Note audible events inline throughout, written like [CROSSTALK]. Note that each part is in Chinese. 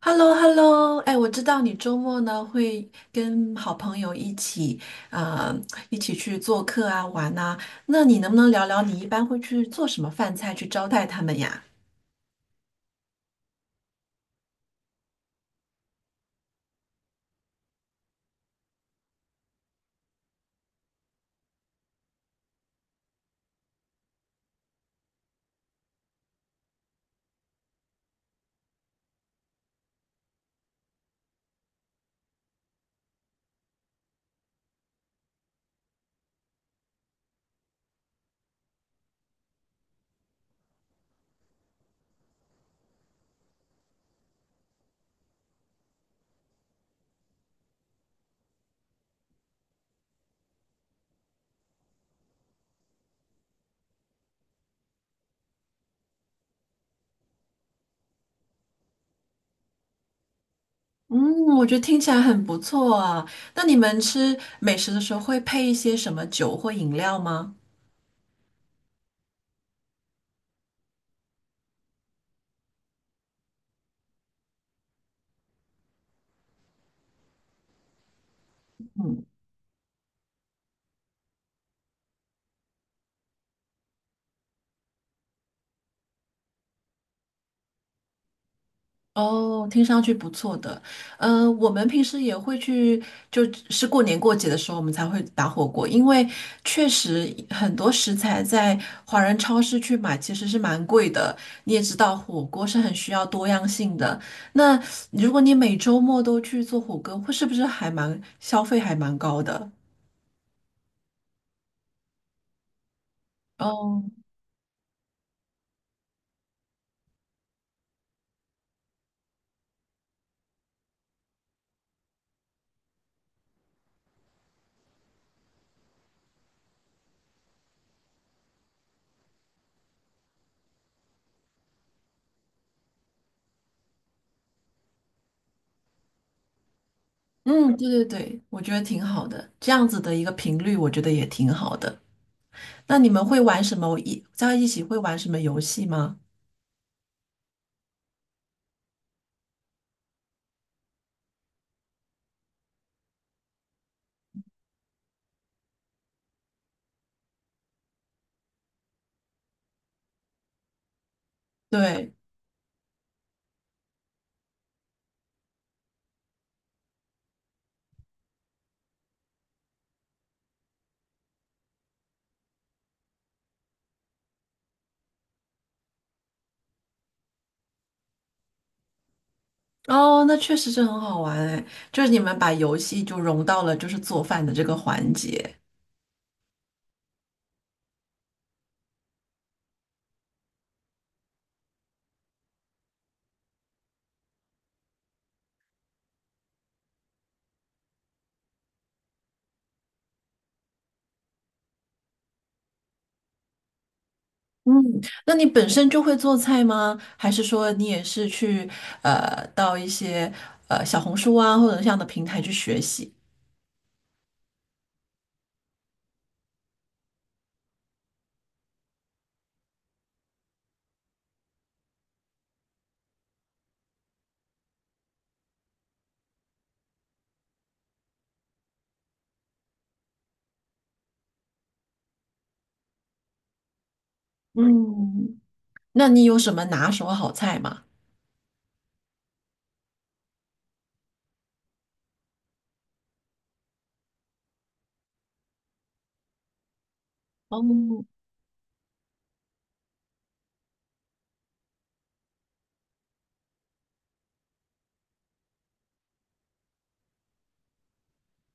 h e l l o h e l l o 哎，我知道你周末呢会跟好朋友一起，呃，一起去做客啊，玩啊。那你能不能聊聊你一般会去做什么饭菜去招待他们呀？嗯，我觉得听起来很不错啊。那你们吃美食的时候会配一些什么酒或饮料吗？哦，听上去不错的。嗯、我们平时也会去，就是过年过节的时候，我们才会打火锅，因为确实很多食材在华人超市去买其实是蛮贵的。你也知道，火锅是很需要多样性的。那如果你每周末都去做火锅，会是不是还蛮消费还蛮高的？哦，嗯，对对对，我觉得挺好的，这样子的一个频率，我觉得也挺好的。那你们会玩什么？一在一起会玩什么游戏吗？对，哦，那确实是很好玩哎，就是你们把游戏就融到了就是做饭的这个环节。嗯，那你本身就会做菜吗？还是说你也是去到一些小红书啊或者这样的平台去学习？嗯，那你有什么拿手好菜吗？哦，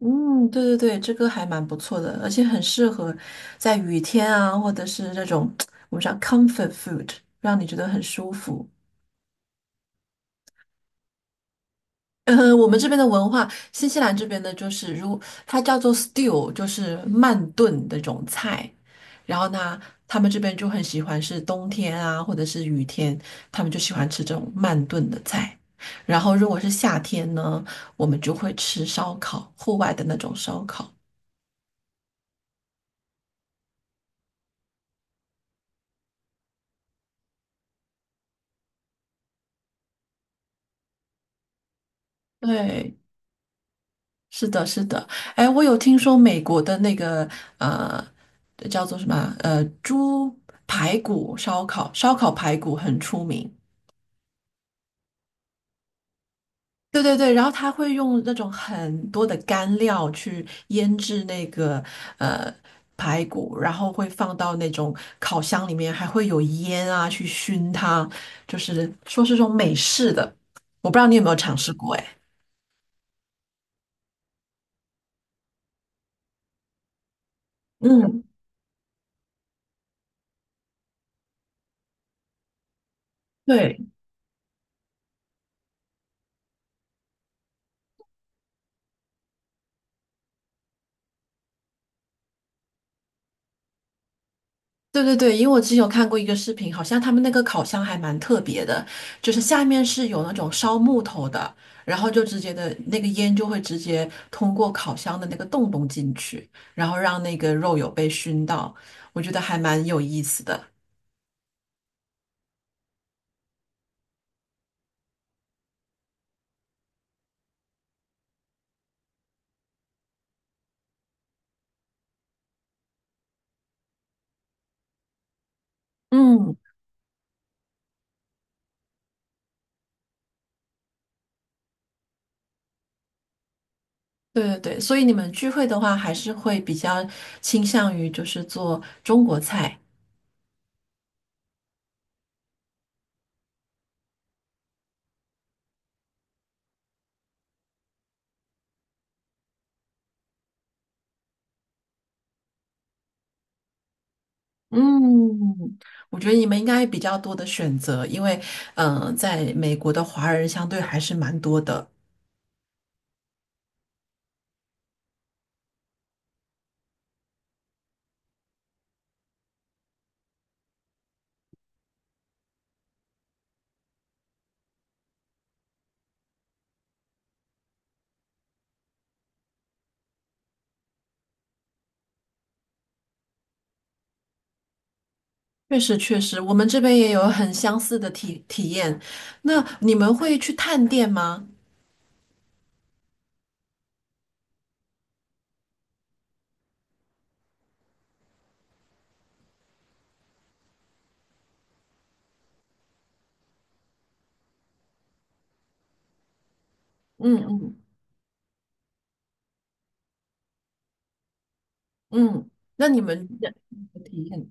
嗯，对对对，这个还蛮不错的，而且很适合在雨天啊，或者是这种 [TSK] 我们叫 comfort food，让你觉得很舒服。我们这边的文化，新西兰这边的就是，如它叫做 stew，就是慢炖的那种菜。然后呢，他们这边就很喜欢是冬天啊，或者是雨天，他们就喜欢吃这种慢炖的菜。然后如果是夏天呢，我们就会吃烧烤，户外的那种烧烤。对，是的，是的。哎，我有听说美国的那个呃，叫做什么啊猪排骨烧烤，烧烤排骨很出名。对对对，然后他会用那种很多的干料去腌制那个呃排骨，然后会放到那种烤箱里面，还会有烟啊去熏它，就是说是这种美式的，我不知道你有没有尝试过哎。嗯，对，对对对，因为我之前有看过一个视频，好像他们那个烤箱还蛮特别的，就是下面是有那种烧木头的，然后就直接的那个烟就会直接通过烤箱的那个洞洞进去，然后让那个肉有被熏到，我觉得还蛮有意思的。嗯，对对对，所以你们聚会的话，还是会比较倾向于就是做中国菜。嗯，我觉得你们应该比较多的选择，因为嗯、在美国的华人相对还是蛮多的。确实，确实，我们这边也有很相似的体验。那你们会去探店吗？嗯嗯嗯，那你们的体验？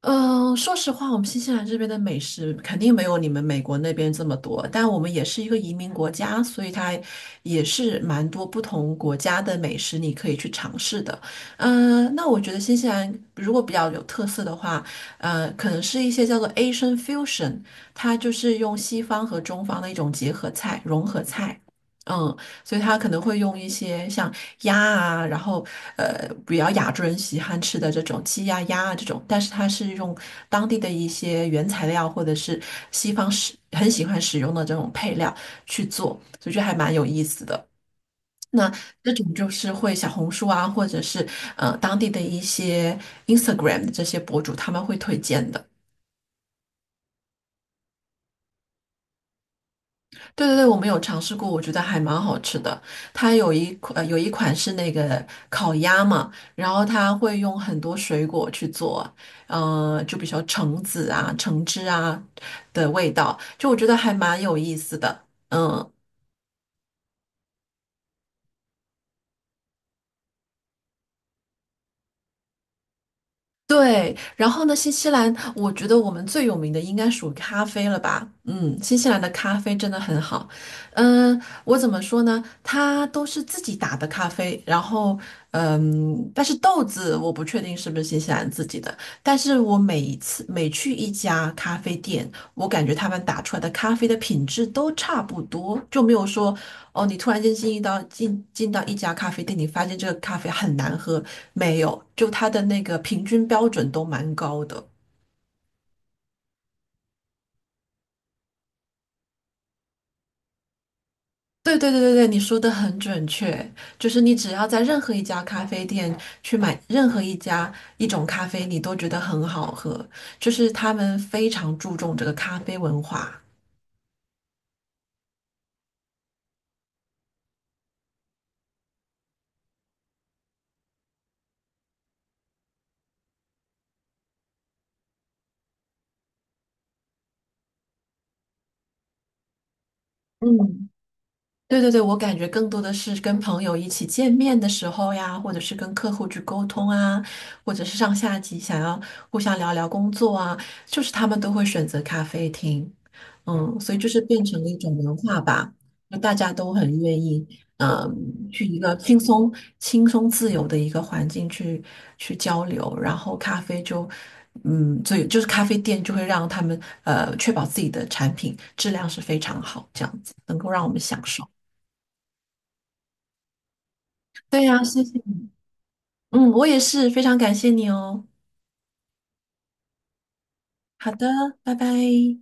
嗯，说实话，我们新西兰这边的美食肯定没有你们美国那边这么多，但我们也是一个移民国家，所以它也是蛮多不同国家的美食你可以去尝试的。嗯，那我觉得新西兰如果比较有特色的话，可能是一些叫做 Asian fusion，它就是用西方和中方的一种结合菜、融合菜。嗯，所以他可能会用一些像鸭啊，然后比较亚洲人喜欢吃的这种鸡呀、鸭啊这种，但是他是用当地的一些原材料或者是西方使很喜欢使用的这种配料去做，所以就还蛮有意思的。那这种就是会小红书啊，或者是当地的一些 Instagram 的这些博主他们会推荐的。对对对，我们有尝试过，我觉得还蛮好吃的。它有一款、有一款是那个烤鸭嘛，然后它会用很多水果去做，就比如说橙子啊、橙汁啊的味道，就我觉得还蛮有意思的。嗯，对，然后呢，新西兰，我觉得我们最有名的应该属于咖啡了吧？嗯，新西兰的咖啡真的很好。嗯，我怎么说呢？它都是自己打的咖啡，然后嗯，但是豆子我不确定是不是新西兰自己的，但是我每一次每去一家咖啡店，我感觉他们打出来的咖啡的品质都差不多，就没有说哦，你突然间进到一家咖啡店，你发现这个咖啡很难喝，没有，就它的那个平均标准都蛮高的。对对对对对，你说的很准确，就是你只要在任何一家咖啡店去买任何一种咖啡，你都觉得很好喝，就是他们非常注重这个咖啡文化。嗯。对对对，我感觉更多的是跟朋友一起见面的时候呀，或者是跟客户去沟通啊，或者是上下级想要互相聊聊工作啊，就是他们都会选择咖啡厅，嗯，所以就是变成了一种文化吧，就大家都很愿意，嗯，去一个轻松、自由的一个环境去交流，然后咖啡就，嗯，所以就是咖啡店就会让他们确保自己的产品质量是非常好，这样子能够让我们享受。对呀，谢谢你。嗯，我也是，非常感谢你哦。好的，拜拜。